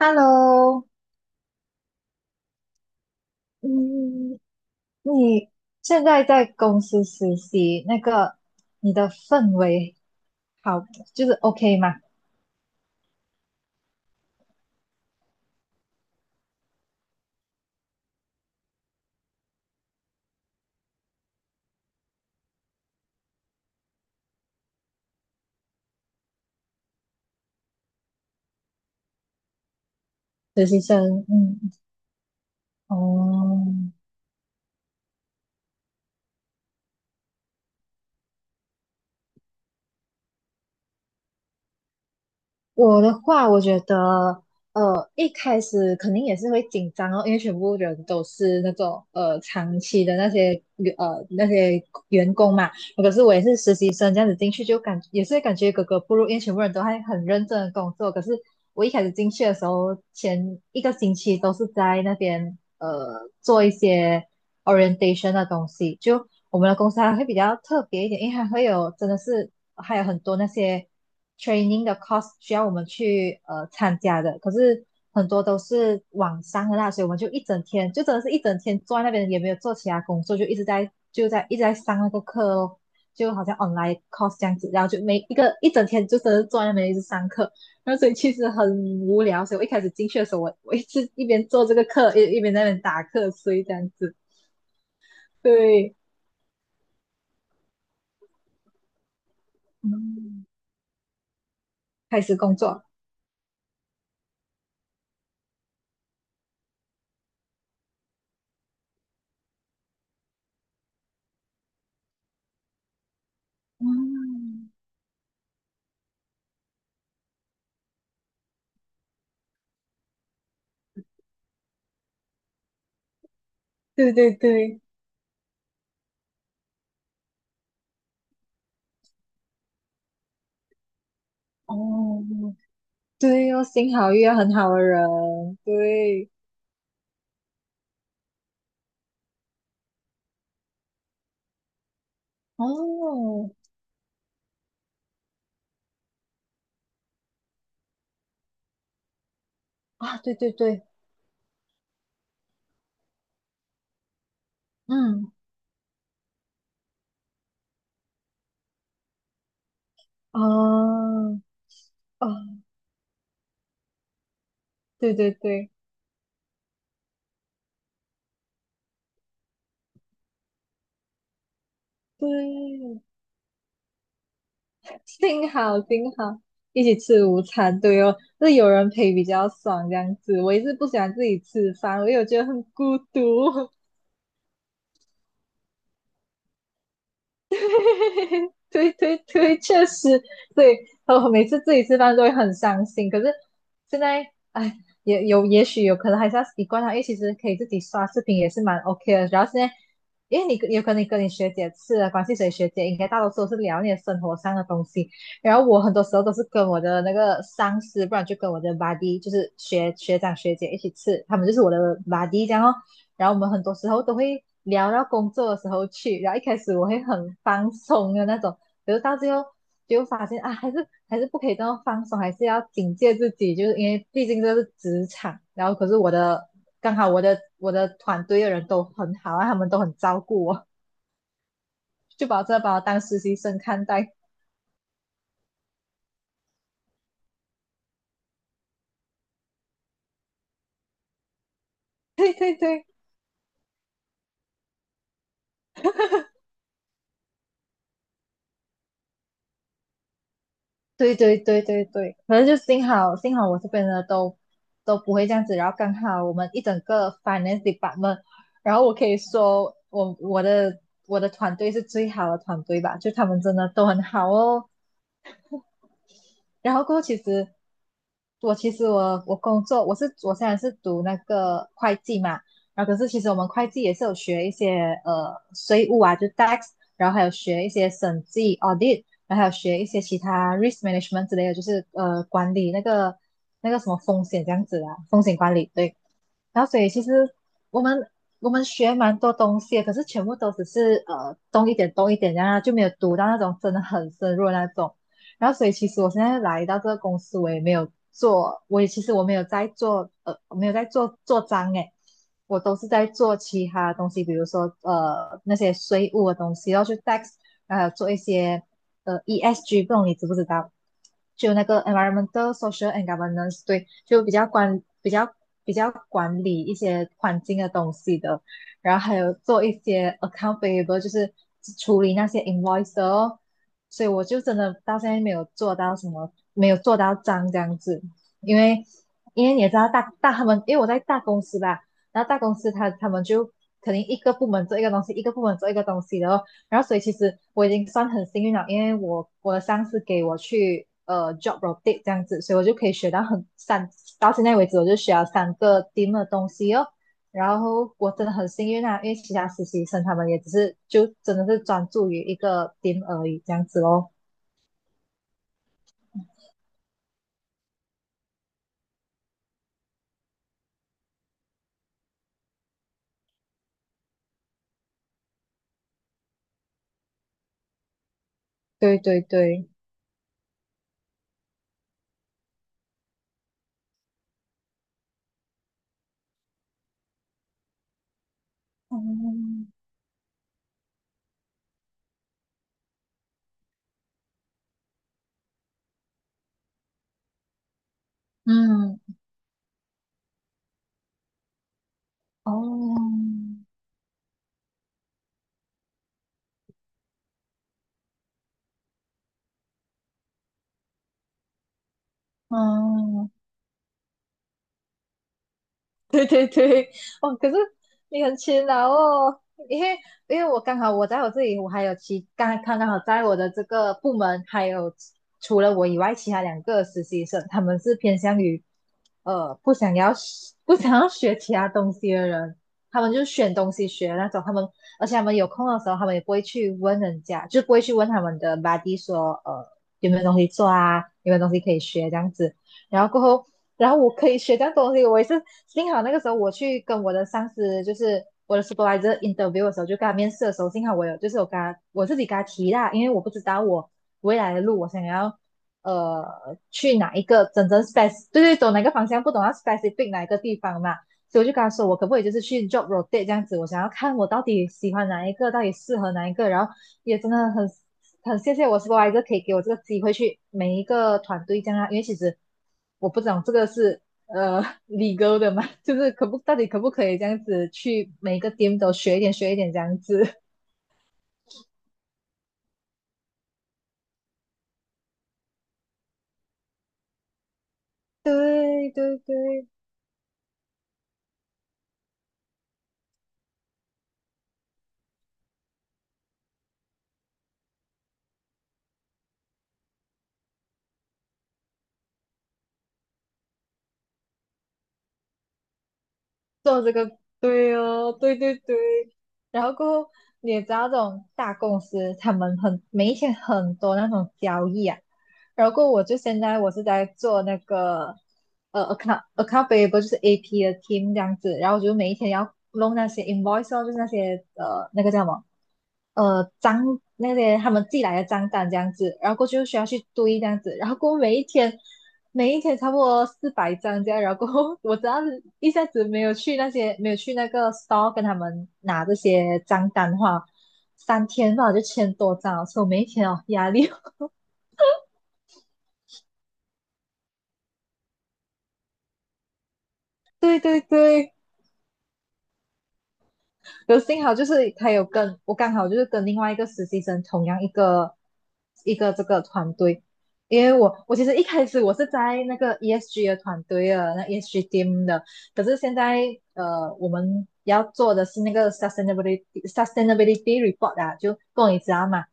Hello，嗯，你现在在公司实习，那个你的氛围好，就是 OK 吗？实习生，嗯，哦，我的话，我觉得，一开始肯定也是会紧张哦，因为全部人都是那种长期的那些员工嘛，可是我也是实习生这样子进去，就也是感觉格格不入，因为全部人都还很认真的工作。可是我一开始进去的时候，前一个星期都是在那边做一些 orientation 的东西。就我们的公司还会比较特别一点，因为还会有真的是还有很多那些 training 的 course 需要我们去参加的。可是很多都是网上的啦，所以我们就一整天，就真的是一整天坐在那边，也没有做其他工作，就一直在上那个课哦。就好像 online course 这样子，然后就每一个一整天就真的坐在那边一直上课，然后所以其实很无聊，所以我一开始进去的时候，我一直一边做这个课，一边在那边打瞌睡这样子。对，嗯，开始工作，嗯，对对对，哦，对哦，幸好遇到很好的人，对，哦，啊，对对对，嗯，啊，啊，对对对对。幸好幸好一起吃午餐，对哦，就是有人陪比较爽这样子。我一直不喜欢自己吃饭，我有觉得很孤独。对对对，确实，对，我每次自己吃饭都会很伤心。可是现在，哎，也许有可能还是要习惯它，因为其实可以自己刷视频也是蛮 OK 的。主要是在，因为你有可能你跟你学姐吃的关系，所以学姐应该大多数都是聊你的生活上的东西。然后我很多时候都是跟我的那个上司，不然就跟我的 b u d y 就是学长学姐一起吃，他们就是我的 b u d y 这样哦。然后我们很多时候都会聊到工作的时候去，然后一开始我会很放松的那种，可是到最后就发现啊，还是不可以这么放松，还是要警戒自己，就是因为毕竟这是职场。然后可是刚好我的团队的人都很好啊，他们都很照顾我，就把我当实习生看待。对对对对对对对对，可能就幸好幸好我这边呢都不会这样子，然后刚好我们一整个 finance department，然后我可以说我的团队是最好的团队吧，就他们真的都很好哦。然后过后其实我其实我我工作我是我虽然是读那个会计嘛，然后可是其实我们会计也是有学一些税务啊，就 tax，然后还有学一些审计 audit，然后还有学一些其他 risk management 之类的，就是管理那个什么风险这样子啊，风险管理对。然后所以其实我们我们学蛮多东西的，可是全部都只是懂一点懂一点这样啊，然后就没有读到那种真的很深入的那种。然后所以其实我现在来到这个公司，我也没有做，我也其实我没有在做我没有在做做章诶，我都是在做其他东西，比如说那些税务的东西，然后去 tax，做一些ESG，不懂你知不知道？就那个 environmental, social and governance，对，就比较管理一些环境的东西的，然后还有做一些 account p a y b l e 就是处理那些 invoice 的哦，所以我就真的到现在没有做到什么，没有做到脏这样子，因为你也知道他们，因为我在大公司吧，然后大公司他们就肯定一个部门做一个东西，一个部门做一个东西的哦，然后所以其实我已经算很幸运了，因为我的上司给我去job rotate 这样子，所以我就可以学到到现在为止我就学了三个 t e m 的东西哦，然后我真的很幸运啊，因为其他实习生他们也只是就真的是专注于一个点而已，这样子咯。对对对，嗯嗯哦嗯，哦，可是你很勤劳哦，因为我刚好我在我这里，我还有其刚刚刚好在我的这个部门，还有除了我以外，其他两个实习生，他们是偏向于呃不想要不想要学其他东西的人，他们就选东西学的那种，他们而且他们有空的时候，他们也不会去问人家，就不会去问他们的 b u d y 说有没有东西做啊，有没有东西可以学这样子，然后过后，然后我可以学这样东西。我也是幸好那个时候我去跟我的上司，就是我的 supervisor interview 的时候，就跟他面试的时候，幸好我有就是我跟他我自己跟他提啦，因为我不知道我未来的路我想要呃去哪一个真正 spec，对对，走哪个方向，不懂要 specific 哪一个地方嘛。所以我就跟他说，我可不可以就是去 job rotate 这样子？我想要看我到底喜欢哪一个，到底适合哪一个，然后也真的很谢谢我 s u p e r 可以给我这个机会去每一个团队这样啊，因为其实我不懂这个是呃 l 哥的嘛，就是可不到底可不可以这样子去每个 t e 都学一点学一点这样子。对对对，做这个，对哦，对对对。然后过后，你也知道这种大公司，他们每一天很多那种交易啊。然后过后我就现在我是在做那个account payable 就是 AP 的 team 这样子，然后我就每一天要弄那些 invoice 哦就是那些那个叫什么呃张那些他们寄来的账单这样子，然后过去就需要去堆这样子，然后过后每一天差不多400张这样，然后过后我只要是一下子没有去那些没有去那个 store 跟他们拿这些账单的话，3天吧我就千多张了，所以我每一天哦压力哦，对对对，幸好就是他有跟我刚好就是跟另外一个实习生同样一个这个团队，因为我其实一开始我是在那个 ESG 的团队啊，那 ESG team 的，可是现在我们要做的是那个 sustainability report 啊，就够你知道嘛，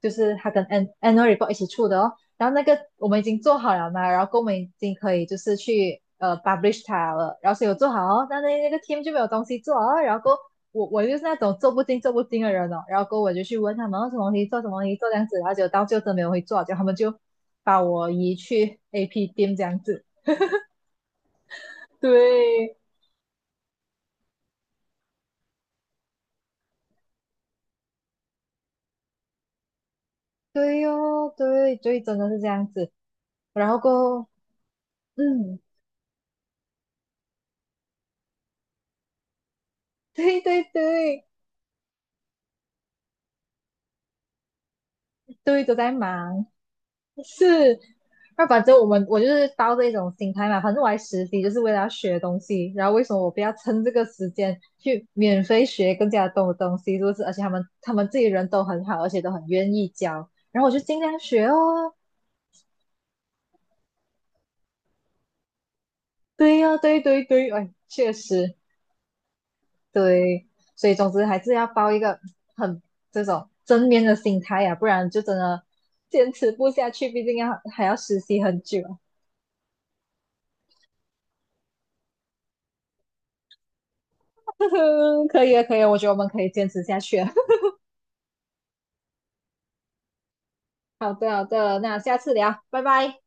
就是它跟 n u a l report 一起出的哦。然后那个我们已经做好了嘛，然后我们已经可以就是去publish 它了，然后所以我做好哦，但那个 team 就没有东西做哦，然后我就是那种做不精做不精的人哦，然后过后我就去问他们哦什么东西做什么东西做这样子，然后就到最后真没有会做，结果他们就把我移去 AP 店这样子。对，对哦，对对，真的是这样子。然后过后，嗯，对对对，对都在忙。是，那反正我们我就是抱着一种心态嘛，反正我来实习就是为了要学东西，然后为什么我不要趁这个时间去免费学更加多的东西，是不是？而且他们自己人都很好，而且都很愿意教，然后我就尽量学哦。对呀、对对对，哎，确实对，所以总之还是要抱一个很这种正面的心态呀、不然就真的坚持不下去，毕竟要还要实习很久啊。可以啊，可以啊，我觉得我们可以坚持下去啊。好的，好的，那下次聊，拜拜。